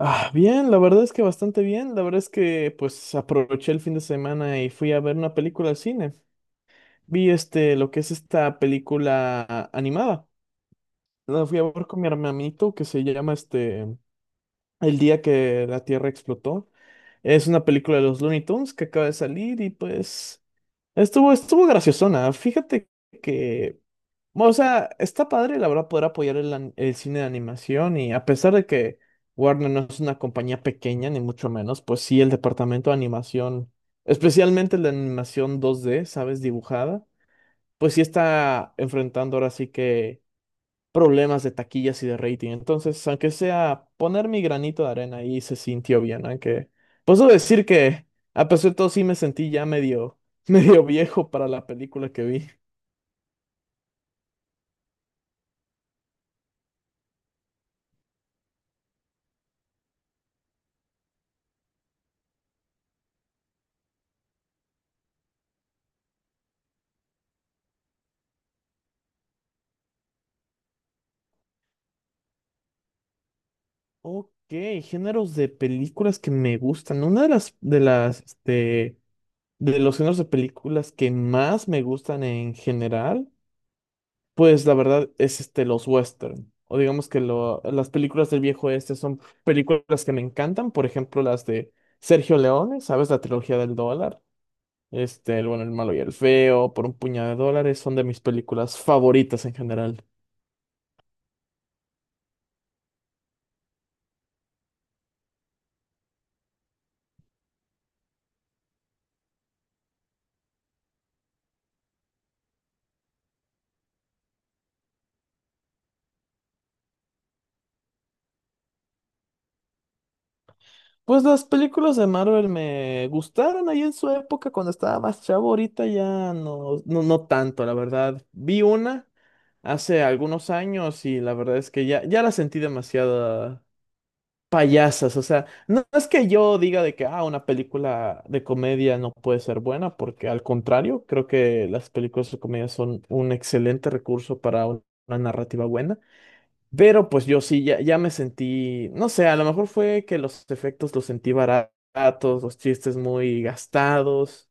Ah, bien, la verdad es que bastante bien. La verdad es que pues aproveché el fin de semana y fui a ver una película al cine. Vi este, lo que es esta película animada. La fui a ver con mi hermanito que se llama este El día que la Tierra explotó. Es una película de los Looney Tunes que acaba de salir y pues Estuvo graciosona. Fíjate que, o sea, está padre, la verdad, poder apoyar el cine de animación, y a pesar de que Warner no es una compañía pequeña, ni mucho menos, pues sí, el departamento de animación, especialmente la animación dos d, ¿sabes? Dibujada, pues sí está enfrentando ahora sí que problemas de taquillas y de rating. Entonces, aunque sea poner mi granito de arena ahí se sintió bien, aunque puedo decir que a pesar de todo sí me sentí ya medio, medio viejo para la película que vi. Ok, géneros de películas que me gustan. Una de las este, de los géneros de películas que más me gustan en general. Pues la verdad es este los western, o digamos que las películas del viejo este son películas que me encantan, por ejemplo las de Sergio Leone, ¿sabes? La trilogía del dólar, este, el bueno, el malo y el feo, por un puñado de dólares, son de mis películas favoritas en general. Pues las películas de Marvel me gustaron ahí en su época cuando estaba más chavo, ahorita ya no, no tanto, la verdad. Vi una hace algunos años y la verdad es que ya la sentí demasiado payasas. O sea, no es que yo diga de que ah, una película de comedia no puede ser buena, porque al contrario, creo que las películas de comedia son un excelente recurso para una narrativa buena. Pero pues yo sí, ya, ya me sentí, no sé, a lo mejor fue que los efectos los sentí baratos, los chistes muy gastados.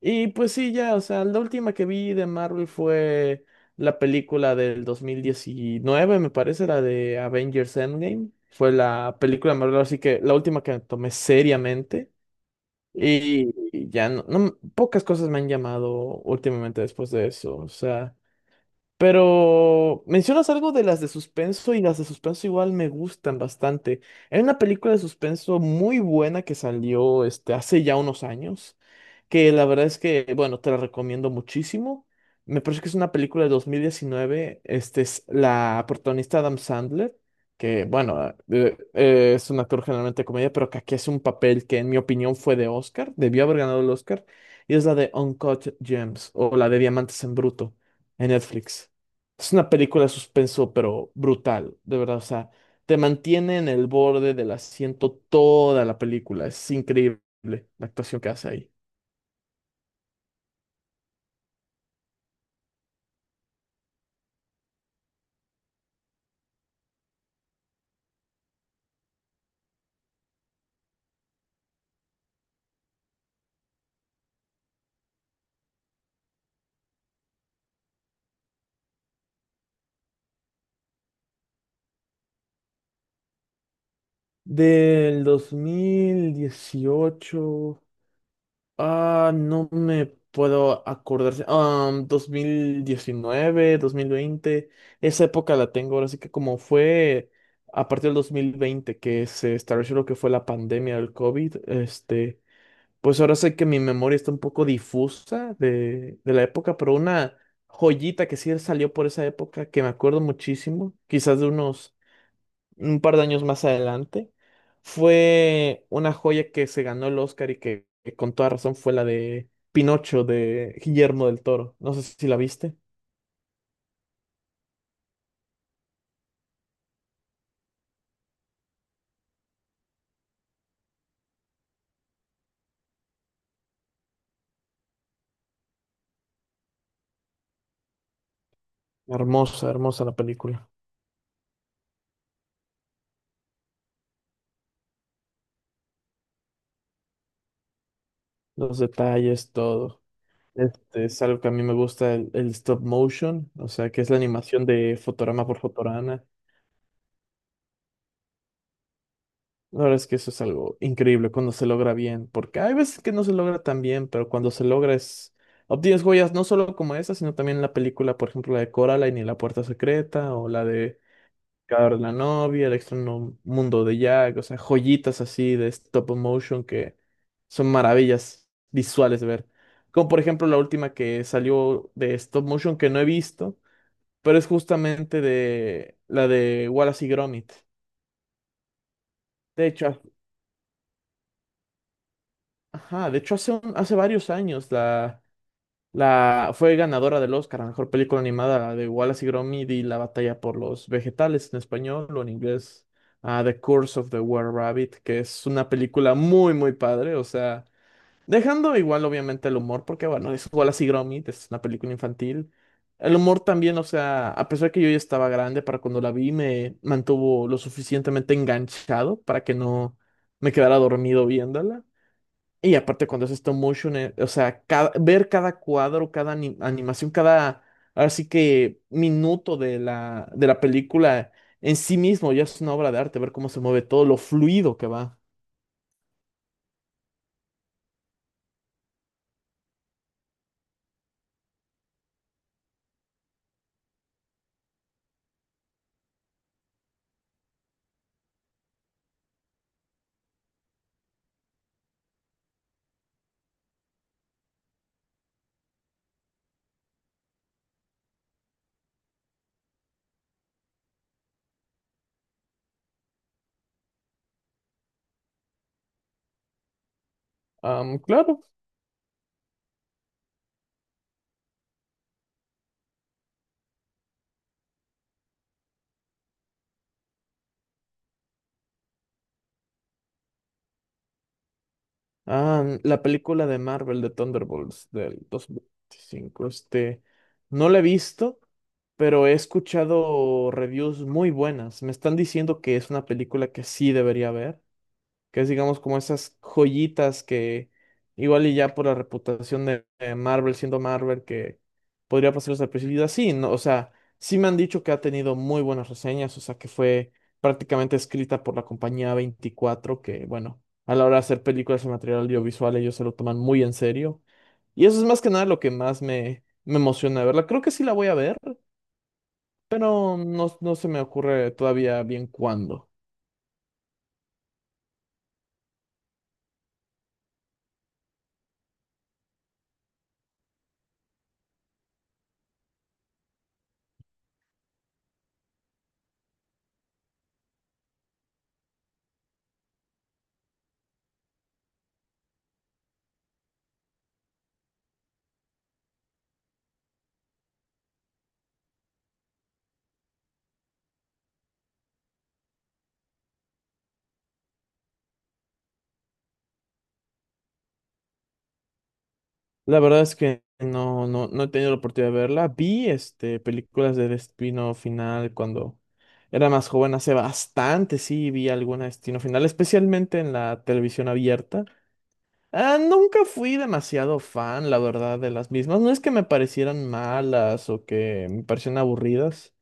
Y pues sí, ya, o sea, la última que vi de Marvel fue la película del 2019 me parece, la de Avengers Endgame. Fue la película de Marvel, así que la última que tomé seriamente. Y ya pocas cosas me han llamado últimamente después de eso. O sea, pero mencionas algo de las de suspenso y las de suspenso igual me gustan bastante. Hay una película de suspenso muy buena que salió este, hace ya unos años, que la verdad es que, bueno, te la recomiendo muchísimo. Me parece que es una película de 2019. Este es la protagonista Adam Sandler, que, bueno, es un actor generalmente de comedia, pero que aquí hace un papel que, en mi opinión, fue de Oscar, debió haber ganado el Oscar, y es la de Uncut Gems o la de Diamantes en Bruto en Netflix. Es una película de suspenso, pero brutal, de verdad. O sea, te mantiene en el borde del asiento toda la película. Es increíble la actuación que hace ahí. Del 2018. Ah, no me puedo acordar. Ah, 1019, 2020. Esa época la tengo ahora, sí que como fue a partir del 2020 que se estableció lo que fue la pandemia del COVID, este. Pues ahora sé que mi memoria está un poco difusa de la época, pero una joyita que sí salió por esa época, que me acuerdo muchísimo, quizás de unos un par de años más adelante, fue una joya que se ganó el Oscar y que con toda razón fue la de Pinocho de Guillermo del Toro. No sé si la viste. Hermosa, hermosa la película. Los detalles, todo. Este es algo que a mí me gusta, el stop motion, o sea, que es la animación de fotograma por fotograma. La verdad es que eso es algo increíble cuando se logra bien, porque hay veces que no se logra tan bien, pero cuando se logra es... Obtienes joyas no solo como esa, sino también la película, por ejemplo, la de Coraline y la Puerta Secreta, o la de Carla la Novia, el extraño mundo de Jack, o sea, joyitas así de stop motion que son maravillas visuales de ver. Como por ejemplo la última que salió de stop motion que no he visto, pero es justamente de la de Wallace y Gromit. De hecho, ajá, de hecho hace, hace varios años la fue ganadora del Oscar a Mejor Película Animada, la de Wallace y Gromit y La Batalla por los Vegetales en español, o en inglés, ah, The Curse of the Were Rabbit, que es una película muy, muy padre, o sea, dejando igual obviamente el humor, porque bueno, es Wallace y Gromit, es una película infantil. El humor también, o sea, a pesar que yo ya estaba grande para cuando la vi, me mantuvo lo suficientemente enganchado para que no me quedara dormido viéndola. Y aparte cuando es stop motion, o sea, ver cada cuadro, cada animación, cada, ahora sí que minuto de la película en sí mismo ya es una obra de arte, ver cómo se mueve todo, lo fluido que va. Am, claro, am, la película de Marvel de Thunderbolts del 2025, este, no la he visto, pero he escuchado reviews muy buenas. Me están diciendo que es una película que sí debería ver, que es digamos como esas joyitas que igual y ya por la reputación de Marvel, siendo Marvel, que podría pasar desapercibido, sí, ¿no? O sea, sí me han dicho que ha tenido muy buenas reseñas, o sea, que fue prácticamente escrita por la compañía 24, que bueno, a la hora de hacer películas en material audiovisual ellos se lo toman muy en serio. Y eso es más que nada lo que más me, me emociona de verla. Creo que sí la voy a ver, pero no, no se me ocurre todavía bien cuándo. La verdad es que no he tenido la oportunidad de verla. Vi este, películas de Destino Final cuando era más joven, hace bastante, sí, vi alguna de Destino Final, especialmente en la televisión abierta. Ah, nunca fui demasiado fan, la verdad, de las mismas. No es que me parecieran malas o que me parecieran aburridas.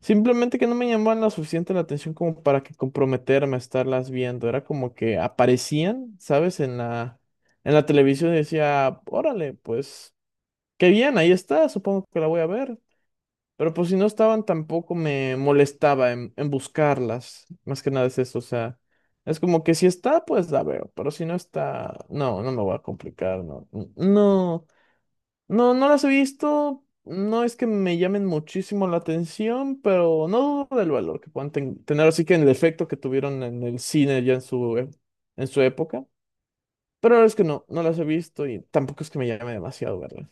Simplemente que no me llamaban la suficiente la atención como para que comprometerme a estarlas viendo. Era como que aparecían, ¿sabes? En la televisión y decía, órale, pues, qué bien, ahí está, supongo que la voy a ver. Pero pues si no estaban tampoco me molestaba en buscarlas. Más que nada es eso, o sea, es como que si está, pues la veo, pero si no está, no, no me voy a complicar, no. No las he visto, no es que me llamen muchísimo la atención, pero no dudo del valor que puedan tener, así que en el efecto que tuvieron en el cine ya en en su época. Pero la verdad es que no, no las he visto y tampoco es que me llame demasiado, ¿verdad?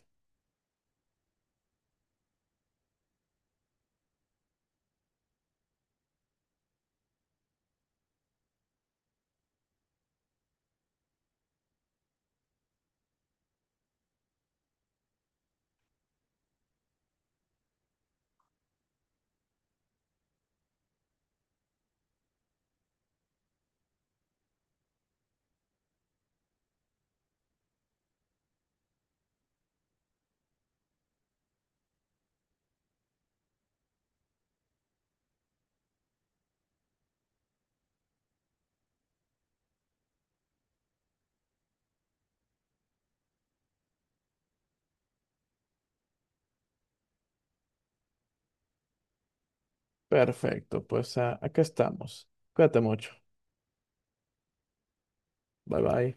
Perfecto, pues ah, acá estamos. Cuídate mucho. Bye bye.